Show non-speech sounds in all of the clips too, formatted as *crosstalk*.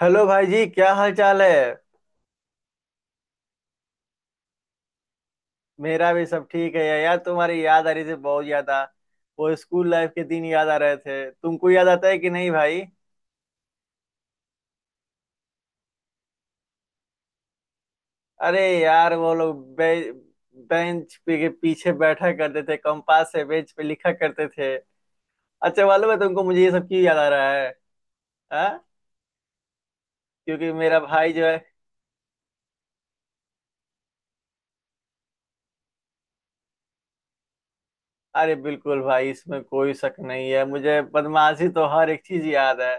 Hello भाई जी, क्या हाल चाल है। मेरा भी सब ठीक है यार, तुम्हारी याद आ रही थी बहुत ज्यादा। वो स्कूल लाइफ के दिन याद आ रहे थे। तुमको याद आता है कि नहीं भाई? अरे यार, वो लोग बेंच पे के पीछे बैठा करते थे, कंपास से बेंच पे लिखा करते थे। अच्छा, मालूम है तुमको मुझे ये सब क्यों याद आ रहा है? हाँ। क्योंकि मेरा भाई जो है। अरे बिल्कुल भाई, इसमें कोई शक नहीं है। मुझे बदमाशी तो हर एक चीज याद है।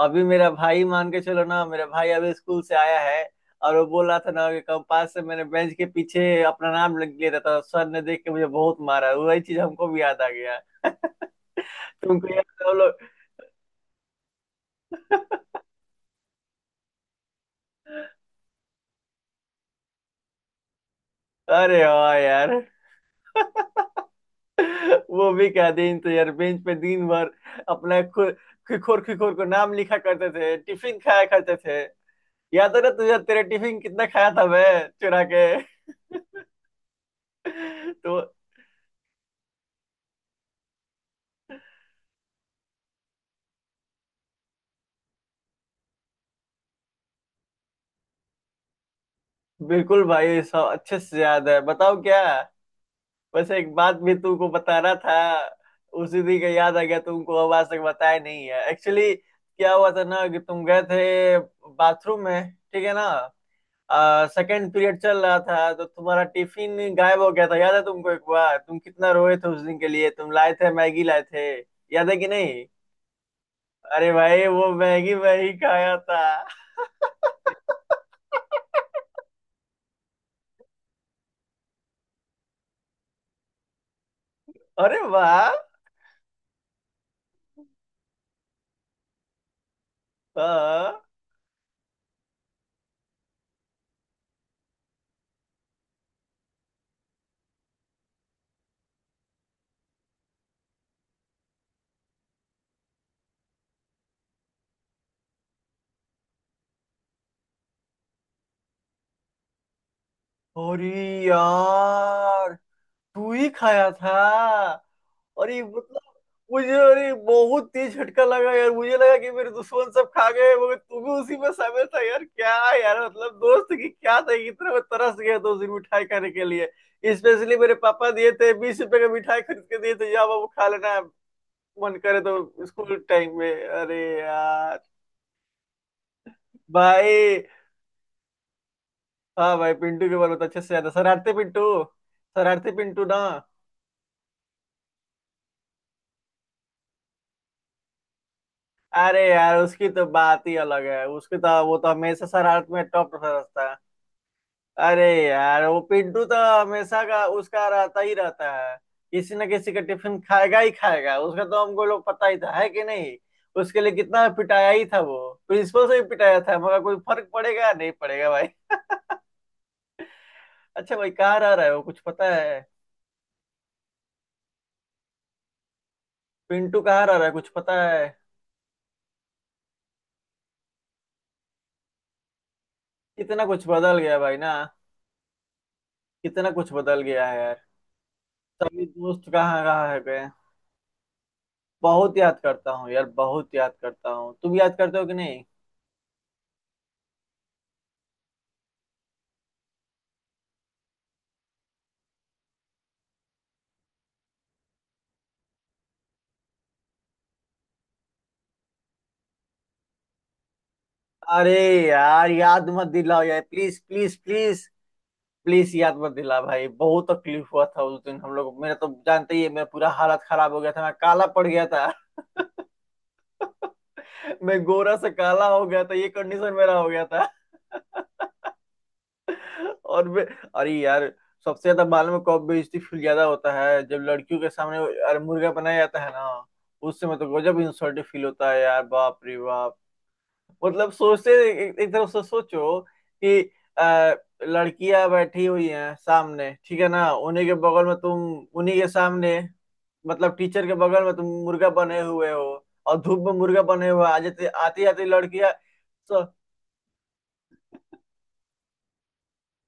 अभी मेरा भाई, मान के चलो ना, मेरा भाई अभी स्कूल से आया है। और वो बोल रहा था ना कि कंपास से मैंने बेंच के पीछे अपना नाम लिख लिया था तो सर ने देख के मुझे बहुत मारा। वही चीज हमको भी याद आ गया। तुमको याद है वो लोग? अरे वाह यार, वो भी क्या दिन तो यार, बेंच पे दिन भर अपना खु- खिखोर खिखोर को नाम लिखा करते थे, टिफिन खाया करते थे। याद है ना तुझे, तेरे टिफिन कितना खाया था मैं चुरा के। तो बिल्कुल भाई, सब अच्छे से याद है। बताओ क्या। बस एक बात भी तुमको बताना था। उसी दिन का याद आ गया तुमको। अब आज तक बताया नहीं है, एक्चुअली क्या हुआ था ना, कि तुम गए थे बाथरूम में, ठीक है ना। सेकेंड पीरियड चल रहा था तो तुम्हारा टिफिन गायब हो गया था, याद है तुमको? एक बार तुम कितना रोए थे उस दिन के लिए, तुम लाए थे, मैगी लाए थे। याद है कि नहीं? अरे भाई, वो मैगी मैं ही खाया था। *laughs* अरे वाह। हाँ। अरे यार, तू ही खाया था? अरे मतलब, मुझे अरे बहुत तेज झटका लगा यार। मुझे लगा कि मेरे दुश्मन सब खा गए, मगर तू भी उसी में शामिल था यार। क्या यार, मतलब दोस्त की क्या था, इतना मैं तरस गया था उस दिन मिठाई खाने के लिए। स्पेशली मेरे पापा दिए थे, 20 रुपए का मिठाई खरीद के दिए थे, जा बाबू खा लेना। मन करे तो स्कूल टाइम में, अरे यार। भाई। हाँ भाई, पिंटू के बारे में तो अच्छे से याद है। शरारते पिंटू। शरारती पिंटू ना? अरे यार, उसकी तो बात ही अलग है। उसकी तो, वो तो हमेशा शरारत में टॉप रहता है। अरे यार, वो पिंटू तो हमेशा का, उसका रहता ही रहता है। किसी न किसी का टिफिन खाएगा ही खाएगा। उसका तो हमको लोग पता ही था, है कि नहीं? उसके लिए कितना पिटाया ही था वो। प्रिंसिपल से भी पिटाया था, मगर कोई फर्क पड़ेगा नहीं पड़ेगा भाई। *laughs* अच्छा भाई, कहाँ रह रहा है वो, कुछ पता है? पिंटू कहाँ रह रहा है, कुछ पता है? कितना कुछ बदल गया भाई ना। कितना कुछ बदल गया है यार। सभी दोस्त कहाँ कहाँ है गए? बहुत याद करता हूँ यार, बहुत याद करता हूँ। तुम याद करते हो कि नहीं? अरे यार, याद मत दिलाओ यार, प्लीज प्लीज प्लीज। प्लीज याद मत दिला भाई, बहुत तकलीफ हुआ था उस दिन हम लोग। मेरा तो जानते ही है, मेरा पूरा हालत खराब हो गया था, मैं काला पड़ गया था। *laughs* मैं गोरा से काला हो गया था, ये कंडीशन मेरा हो गया था। *laughs* और मैं। अरे यार, सबसे ज्यादा बाल में कब बेइज्जती फील ज्यादा होता है? जब लड़कियों के सामने। अरे मुर्गा बनाया जाता है ना। उस समय तो गजब इंसल्ट फील होता है यार, बाप रे बाप। मतलब सोचते, एक तरफ से सोचो कि, आ, लड़कियां बैठी हुई हैं सामने, ठीक है ना, उन्हीं के बगल में तुम, उन्हीं के सामने, मतलब टीचर के बगल में तुम मुर्गा बने हुए हो। और धूप में मुर्गा बने हुए हो। आ जाती आती आती लड़कियां।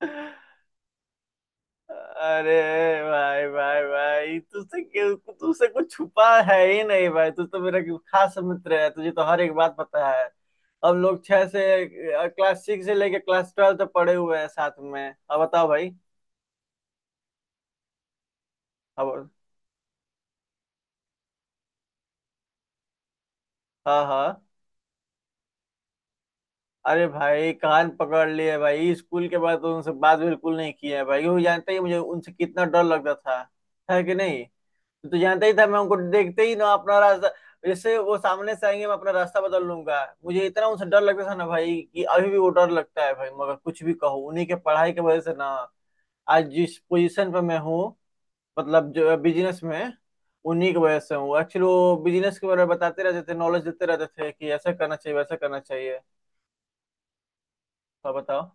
तो। अरे भाई भाई भाई, तुझसे कुछ छुपा है ही नहीं भाई। तू तो मेरा खास मित्र है, तुझे तो हर एक बात पता है। हम लोग छह से क्लास 6 से लेके क्लास 12 तक पढ़े हुए हैं साथ में। अब बताओ भाई। अब। हाँ हाँ। अरे भाई कान पकड़ लिए भाई, स्कूल के बाद तो उनसे बात बिल्कुल नहीं की है भाई। वो जानते ही मुझे उनसे कितना डर लगता था, है कि नहीं? तो जानता ही था, मैं उनको देखते ही ना अपना रास्ता, जैसे वो सामने से आएंगे, मैं अपना रास्ता बदल लूंगा। मुझे इतना उनसे डर लगता था ना भाई, कि अभी भी वो डर लगता है भाई। मगर कुछ भी कहो, उन्हीं के पढ़ाई की वजह से ना, आज जिस पोजीशन पे मैं हूँ, मतलब जो बिजनेस में, उन्हीं की वजह से हूँ। एक्चुअली वो बिजनेस के बारे में बताते रहते थे, नॉलेज देते रहते थे, कि ऐसा करना चाहिए वैसा करना चाहिए। तो बताओ।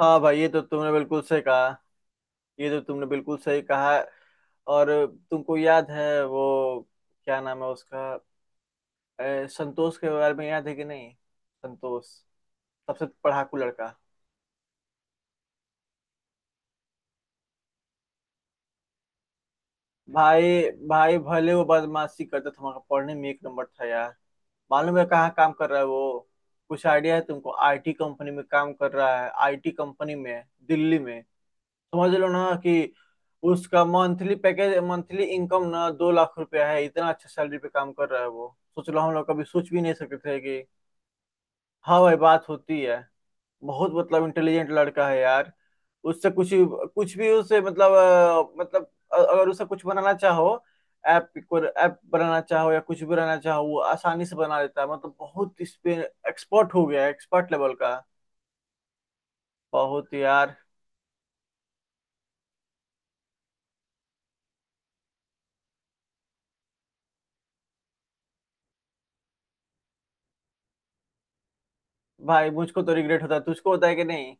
हाँ भाई, ये तो तुमने बिल्कुल सही कहा। ये तो तुमने बिल्कुल सही कहा। और, तुमको याद है वो, क्या नाम है उसका, संतोष के बारे में याद है कि नहीं? संतोष, सबसे पढ़ाकू लड़का। भाई। भाई, भले वो बदमाशी करता था, मगर पढ़ने में एक नंबर था यार। मालूम है कहाँ काम कर रहा है वो? कुछ आइडिया है तुमको? आईटी कंपनी में काम कर रहा है, आईटी कंपनी में, दिल्ली में। समझ लो ना कि, उसका मंथली पैकेज, मंथली इनकम ना 2 लाख रुपया है। इतना अच्छा सैलरी पे काम कर रहा है वो, सोच लो, हम लोग कभी सोच भी नहीं सकते थे कि। हाँ भाई, बात होती है। बहुत मतलब इंटेलिजेंट लड़का है यार। उससे कुछ कुछ भी उसे मतलब, अगर उसे कुछ बनाना चाहो, ऐप बनाना चाहो या कुछ भी बनाना चाहो, वो आसानी से बना देता है। मतलब बहुत इस पे एक्सपर्ट हो गया है, एक्सपर्ट लेवल का। बहुत यार। भाई मुझको तो रिग्रेट होता है, तुझको होता है कि नहीं?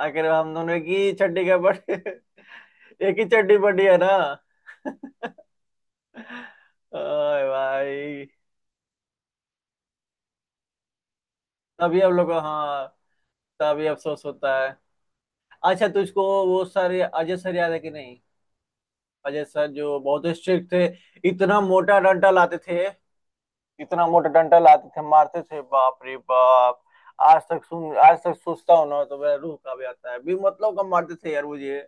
आखिर हम दोनों एक ही चड्डी का बट *laughs* एक ही चड्डी बड़ी है ना। *laughs* ओए भाई। तभी हम लोग को, हाँ, तभी अफसोस होता है। अच्छा, तुझको वो सर अजय सर याद है कि नहीं? अजय सर जो बहुत स्ट्रिक्ट थे। इतना मोटा डंडा लाते थे। इतना मोटा डंडा लाते थे, मारते थे, बाप रे बाप। आज तक सोचता हूँ ना तो मेरा रूह कांप जाता है, भी मतलब कम मारते थे यार मुझे।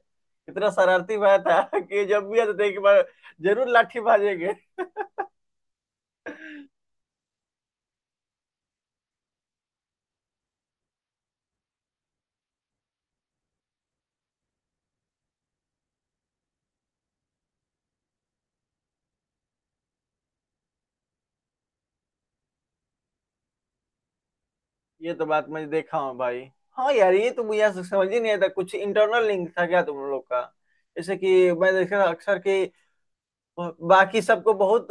इतना शरारती भाई था कि जब भी आते थे कि मैं जरूर लाठी भाजेंगे। *laughs* ये तो बात मैं देखा हूँ भाई। हाँ यार, ये तो मुझे आज तक समझ ही नहीं आता, कुछ इंटरनल लिंक था क्या तुम लोग का? जैसे कि मैं देखा था अक्सर कि, बाकी सबको बहुत,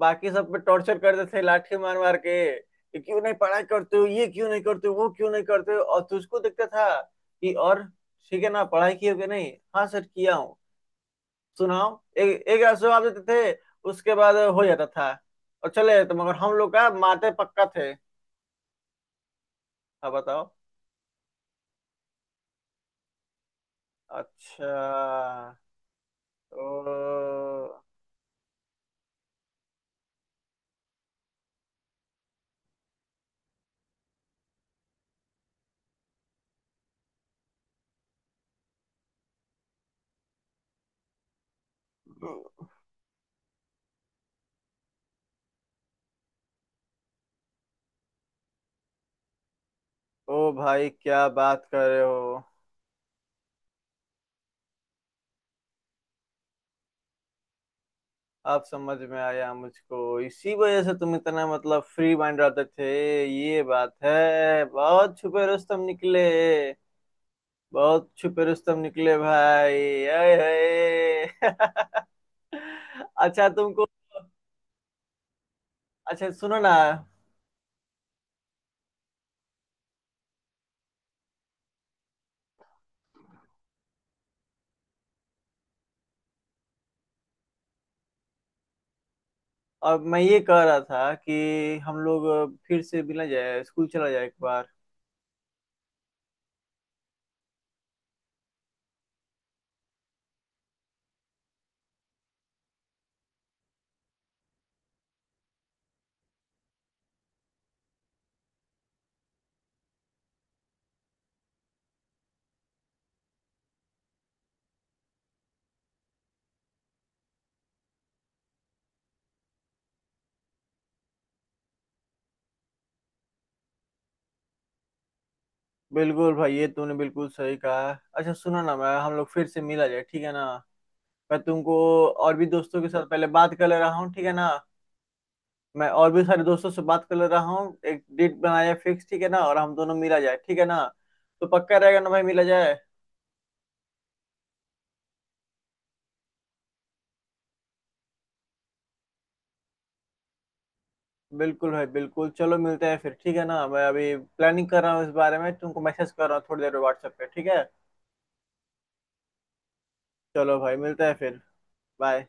बाकी सब पे टॉर्चर करते थे लाठी मार मार के, कि क्यों नहीं पढ़ाई करते हो, ये क्यों नहीं करते हो, वो क्यों नहीं करते हो, और तुझको दिखता था कि, और ठीक है ना, पढ़ाई किए हो कि नहीं, हाँ सर किया हूँ। सुनाओ। एक एक ऐसे जवाब देते थे। उसके बाद हो जाता था। और चले जाते, मगर हम लोग का माते पक्का थे। हाँ बताओ। अच्छा। ओ, ओ भाई क्या बात कर रहे हो। अब समझ में आया मुझको, इसी वजह से तुम इतना मतलब फ्री माइंड रहते थे। ये बात है, बहुत छुपे रुस्तम निकले। बहुत छुपे रुस्तम निकले भाई, आए हाय। *laughs* अच्छा तुमको, अच्छा सुनो ना, और मैं ये कह रहा था कि हम लोग फिर से मिला जाए, स्कूल चला जाए एक बार। बिल्कुल भाई, ये तूने बिल्कुल सही कहा। अच्छा सुनो ना, मैं हम लोग फिर से मिला जाए, ठीक है ना। मैं तुमको, और भी दोस्तों के साथ पहले बात कर ले रहा हूँ, ठीक है ना। मैं और भी सारे दोस्तों से बात कर ले रहा हूँ, एक डेट बनाया फिक्स, ठीक है ना, और हम दोनों मिला जाए, ठीक है ना। तो पक्का रहेगा ना भाई, मिला जाए। बिल्कुल भाई बिल्कुल, चलो मिलते हैं फिर, ठीक है ना। मैं अभी प्लानिंग कर रहा हूँ इस बारे में, तुमको मैसेज कर रहा हूँ थोड़ी देर व्हाट्सएप पे, ठीक है। चलो भाई, मिलते हैं फिर। बाय।